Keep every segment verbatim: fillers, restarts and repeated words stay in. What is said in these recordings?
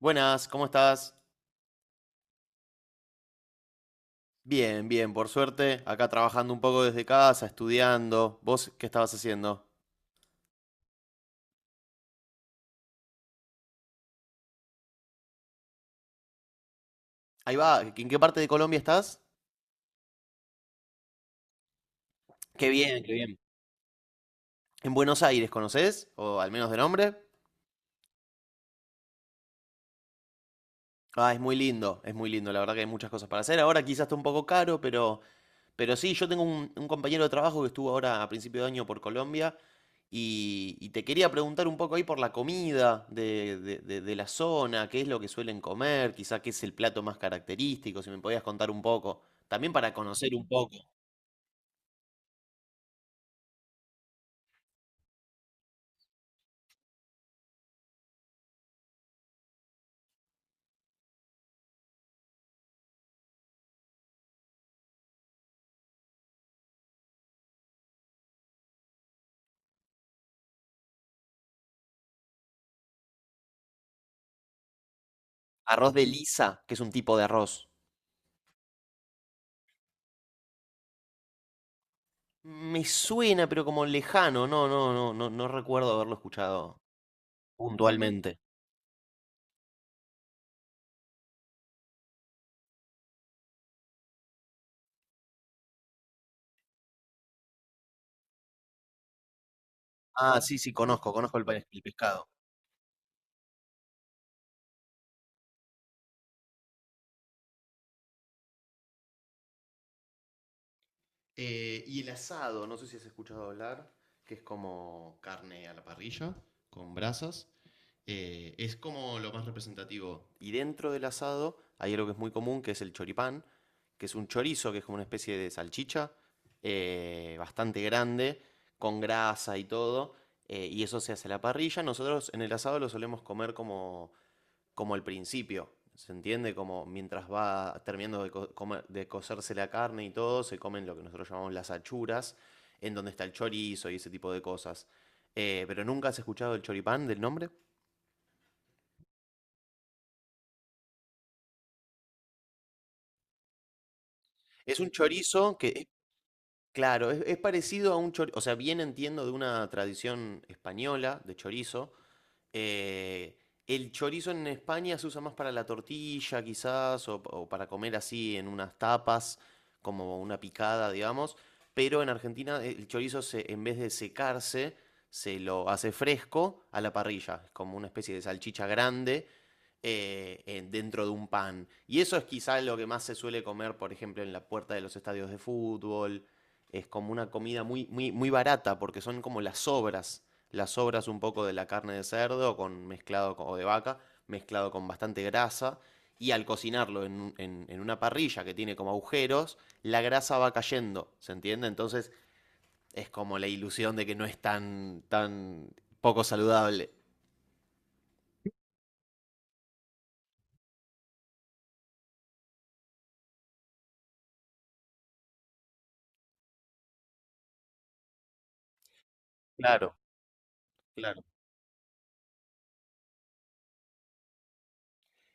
Buenas, ¿cómo estás? Bien, bien, por suerte, acá trabajando un poco desde casa, estudiando. ¿Vos qué estabas haciendo? Ahí va, ¿en qué parte de Colombia estás? Qué bien, qué bien. ¿En Buenos Aires conocés? ¿O al menos de nombre? Ah, es muy lindo, es muy lindo. La verdad que hay muchas cosas para hacer. Ahora quizás está un poco caro, pero, pero sí, yo tengo un, un compañero de trabajo que estuvo ahora a principio de año por Colombia y, y te quería preguntar un poco ahí por la comida de, de- de- de la zona, qué es lo que suelen comer, quizás qué es el plato más característico, si me podías contar un poco. También para conocer un poco. Arroz de lisa, que es un tipo de arroz. Me suena, pero como lejano. No, no, no, no, no recuerdo haberlo escuchado puntualmente. Ah, sí, sí, conozco, conozco el, pe- el pescado. Eh, y el asado, no sé si has escuchado hablar, que es como carne a la parrilla, con brasas. eh, es como lo más representativo. Y dentro del asado hay algo que es muy común, que es el choripán, que es un chorizo, que es como una especie de salchicha, eh, bastante grande, con grasa y todo. eh, y eso se hace a la parrilla. Nosotros en el asado lo solemos comer como como el principio. ¿Se entiende? Como mientras va terminando de, co- comer- de cocerse la carne y todo, se comen lo que nosotros llamamos las achuras, en donde está el chorizo y ese tipo de cosas. Eh, pero nunca has escuchado el choripán del nombre. Es un chorizo que, es- claro, es, es parecido a un chorizo, o sea, bien entiendo de una tradición española de chorizo. Eh, el chorizo en España se usa más para la tortilla, quizás, o, o para comer así en unas tapas, como una picada, digamos. Pero en Argentina eh, el chorizo, se- en vez de secarse, se lo hace fresco a la parrilla. Es como una especie de salchicha grande eh, en- dentro de un pan. Y eso es quizás lo que más se suele comer, por ejemplo, en la puerta de los estadios de fútbol. Es como una comida muy, muy, muy barata, porque son como las sobras las sobras un poco de la carne de cerdo con, mezclado con- o de vaca, mezclado con bastante grasa. Y al cocinarlo en, en- en una parrilla que tiene como agujeros, la grasa va cayendo, ¿se entiende? Entonces es como la ilusión de que no es tan, tan poco saludable. Claro, claro.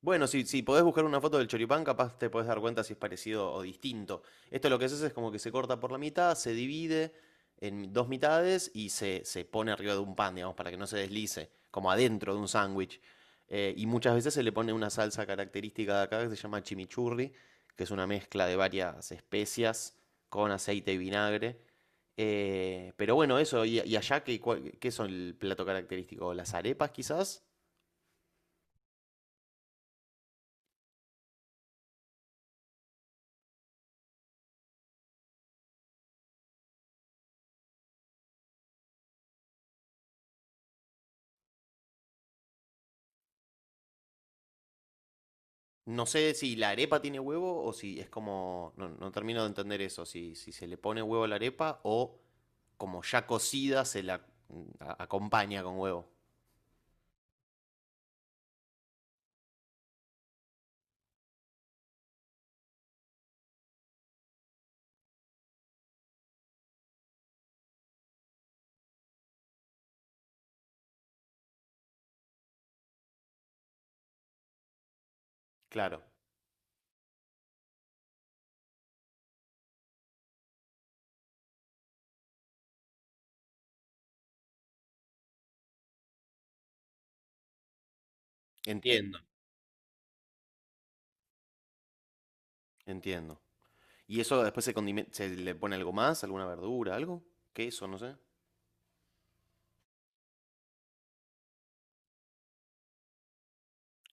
Bueno, si, si podés buscar una foto del choripán, capaz te podés dar cuenta si es parecido o distinto. Esto lo que haces es como que se corta por la mitad, se divide en dos mitades y se, se pone arriba de un pan, digamos, para que no se deslice, como adentro de un sándwich. Eh, y muchas veces se le pone una salsa característica de acá que se llama chimichurri, que es una mezcla de varias especias con aceite y vinagre. Eh, pero bueno, eso, y, y allá, ¿qué, cuál- qué son el plato característico? ¿Las arepas quizás? No sé si la arepa tiene huevo o si es como. No, no termino de entender eso. Si, si se le pone huevo a la arepa o como ya cocida se la mm, a- acompaña con huevo. Claro. Entiendo. Entiendo. ¿Y eso después se, condime- se le pone algo más? ¿Alguna verdura? ¿Algo? ¿Queso? No sé.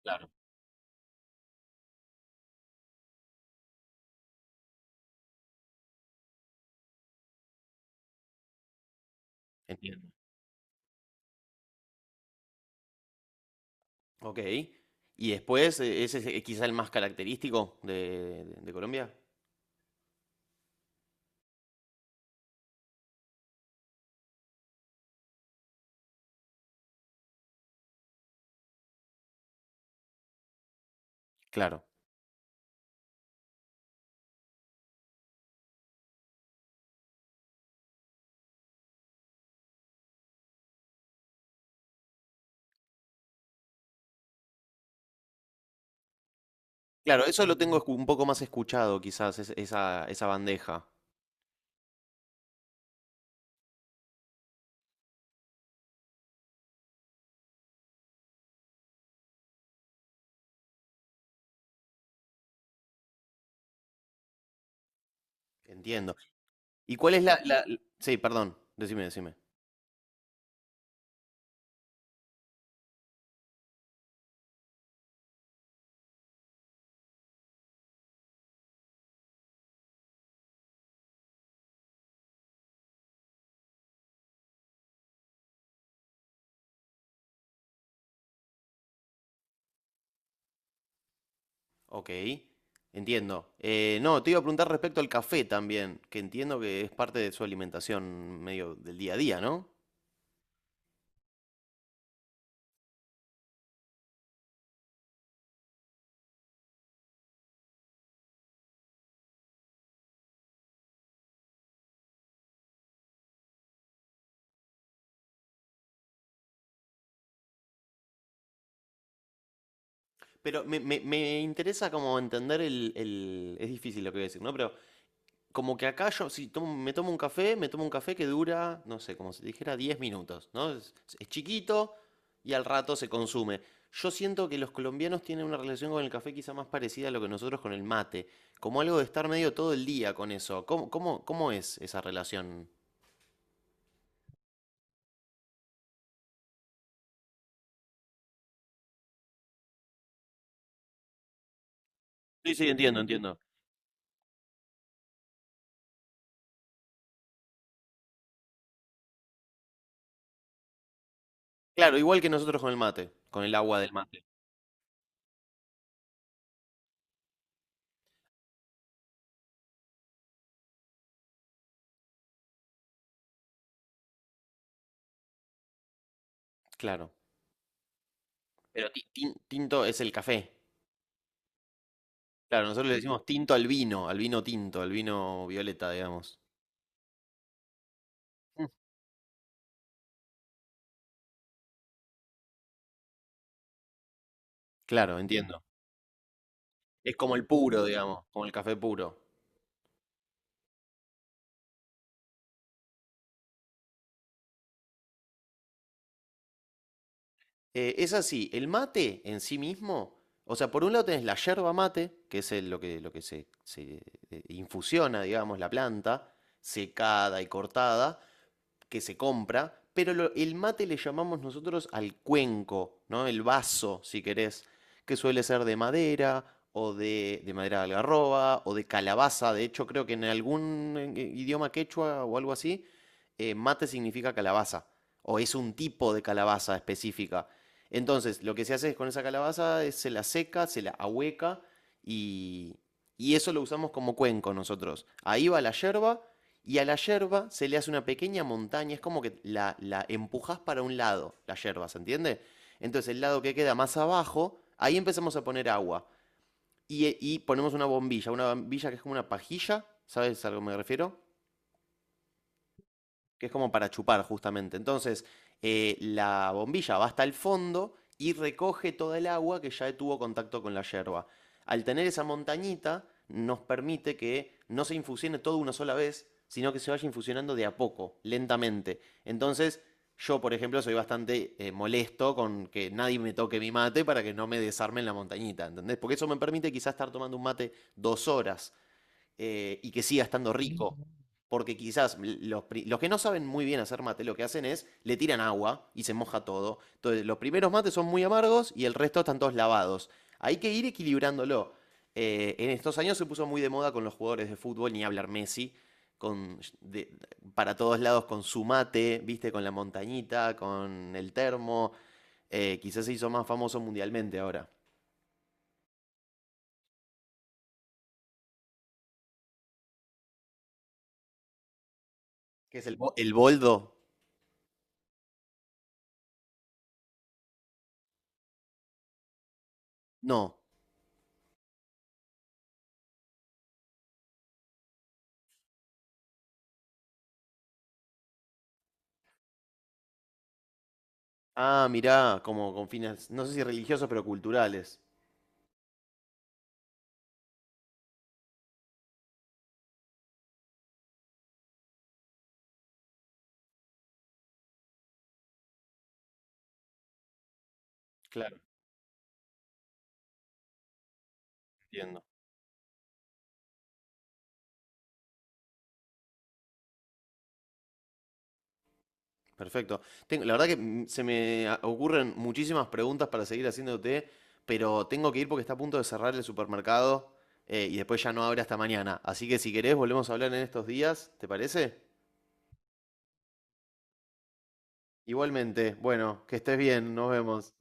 Claro, entiendo. Ok. Y después, eh, ese es eh, quizá el más característico de, de- de Colombia. Claro. Claro, eso lo tengo escu- un poco más escuchado, quizás, es- esa, esa bandeja. Entiendo. ¿Y cuál es la, la- la- Sí, perdón, decime, decime. Ok, entiendo. Eh, no, te iba a preguntar respecto al café también, que entiendo que es parte de su alimentación medio del día a día, ¿no? Pero me, me- me interesa como entender el, el- Es difícil lo que voy a decir, ¿no? Pero como que acá yo, si tomo- me tomo un café, me tomo un café que dura, no sé, como si dijera diez minutos, ¿no? Es, es chiquito y al rato se consume. Yo siento que los colombianos tienen una relación con el café quizá más parecida a lo que nosotros con el mate, como algo de estar medio todo el día con eso. ¿Cómo, cómo, cómo es esa relación? Sí, sí, entiendo, entiendo. Claro, igual que nosotros con el mate, con el agua del mate. Claro. Pero ti- tin- tinto es el café. Claro, nosotros le decimos tinto al vino, al vino tinto, al vino violeta, digamos. Mm. Claro, entiendo. Es como el puro, digamos, como el café puro. Eh, es así, el mate en sí mismo, o sea, por un lado tenés la yerba mate, que es el- lo que, lo que se, se, eh, infusiona, digamos, la planta, secada y cortada, que se compra, pero lo- el mate le llamamos nosotros al cuenco, ¿no? El vaso, si querés, que suele ser de madera o de, de madera de algarroba o de calabaza. De hecho, creo que en algún eh, idioma quechua o algo así, eh, mate significa calabaza o es un tipo de calabaza específica. Entonces, lo que se hace es con esa calabaza es se la seca, se la ahueca y, y eso lo usamos como cuenco nosotros. Ahí va la yerba y a la yerba se le hace una pequeña montaña, es como que la, la empujás para un lado, la yerba, ¿se entiende? Entonces el lado que queda más abajo, ahí empezamos a poner agua. Y, y ponemos una bombilla, una bombilla que es como una pajilla, ¿sabes a lo que me refiero? Que es como para chupar justamente. Entonces, eh, la bombilla va hasta el fondo y recoge toda el agua que ya tuvo contacto con la yerba. Al tener esa montañita, nos permite que no se infusione todo una sola vez, sino que se vaya infusionando de a poco, lentamente. Entonces, yo, por ejemplo, soy bastante eh, molesto con que nadie me toque mi mate para que no me desarmen la montañita, ¿entendés? Porque eso me permite quizás estar tomando un mate dos horas eh, y que siga estando rico. Porque quizás los, pri- los que no saben muy bien hacer mate lo que hacen es le tiran agua y se moja todo. Entonces los primeros mates son muy amargos y el resto están todos lavados. Hay que ir equilibrándolo. Eh, en estos años se puso muy de moda con los jugadores de fútbol, ni hablar Messi, con, de- para todos lados con su mate, viste, con la montañita, con el termo. eh, quizás se hizo más famoso mundialmente ahora. ¿Qué es el, bo- el boldo? No. Ah, mirá, como con fines, no sé si religiosos, pero culturales. Claro, entiendo. Perfecto. Tengo- la verdad que mm, se me a- ocurren muchísimas preguntas para seguir haciéndote, pero tengo que ir porque está a punto de cerrar el supermercado eh, y después ya no abre hasta mañana. Así que si querés, volvemos a hablar en estos días, ¿te parece? Igualmente, bueno, que estés bien, nos vemos.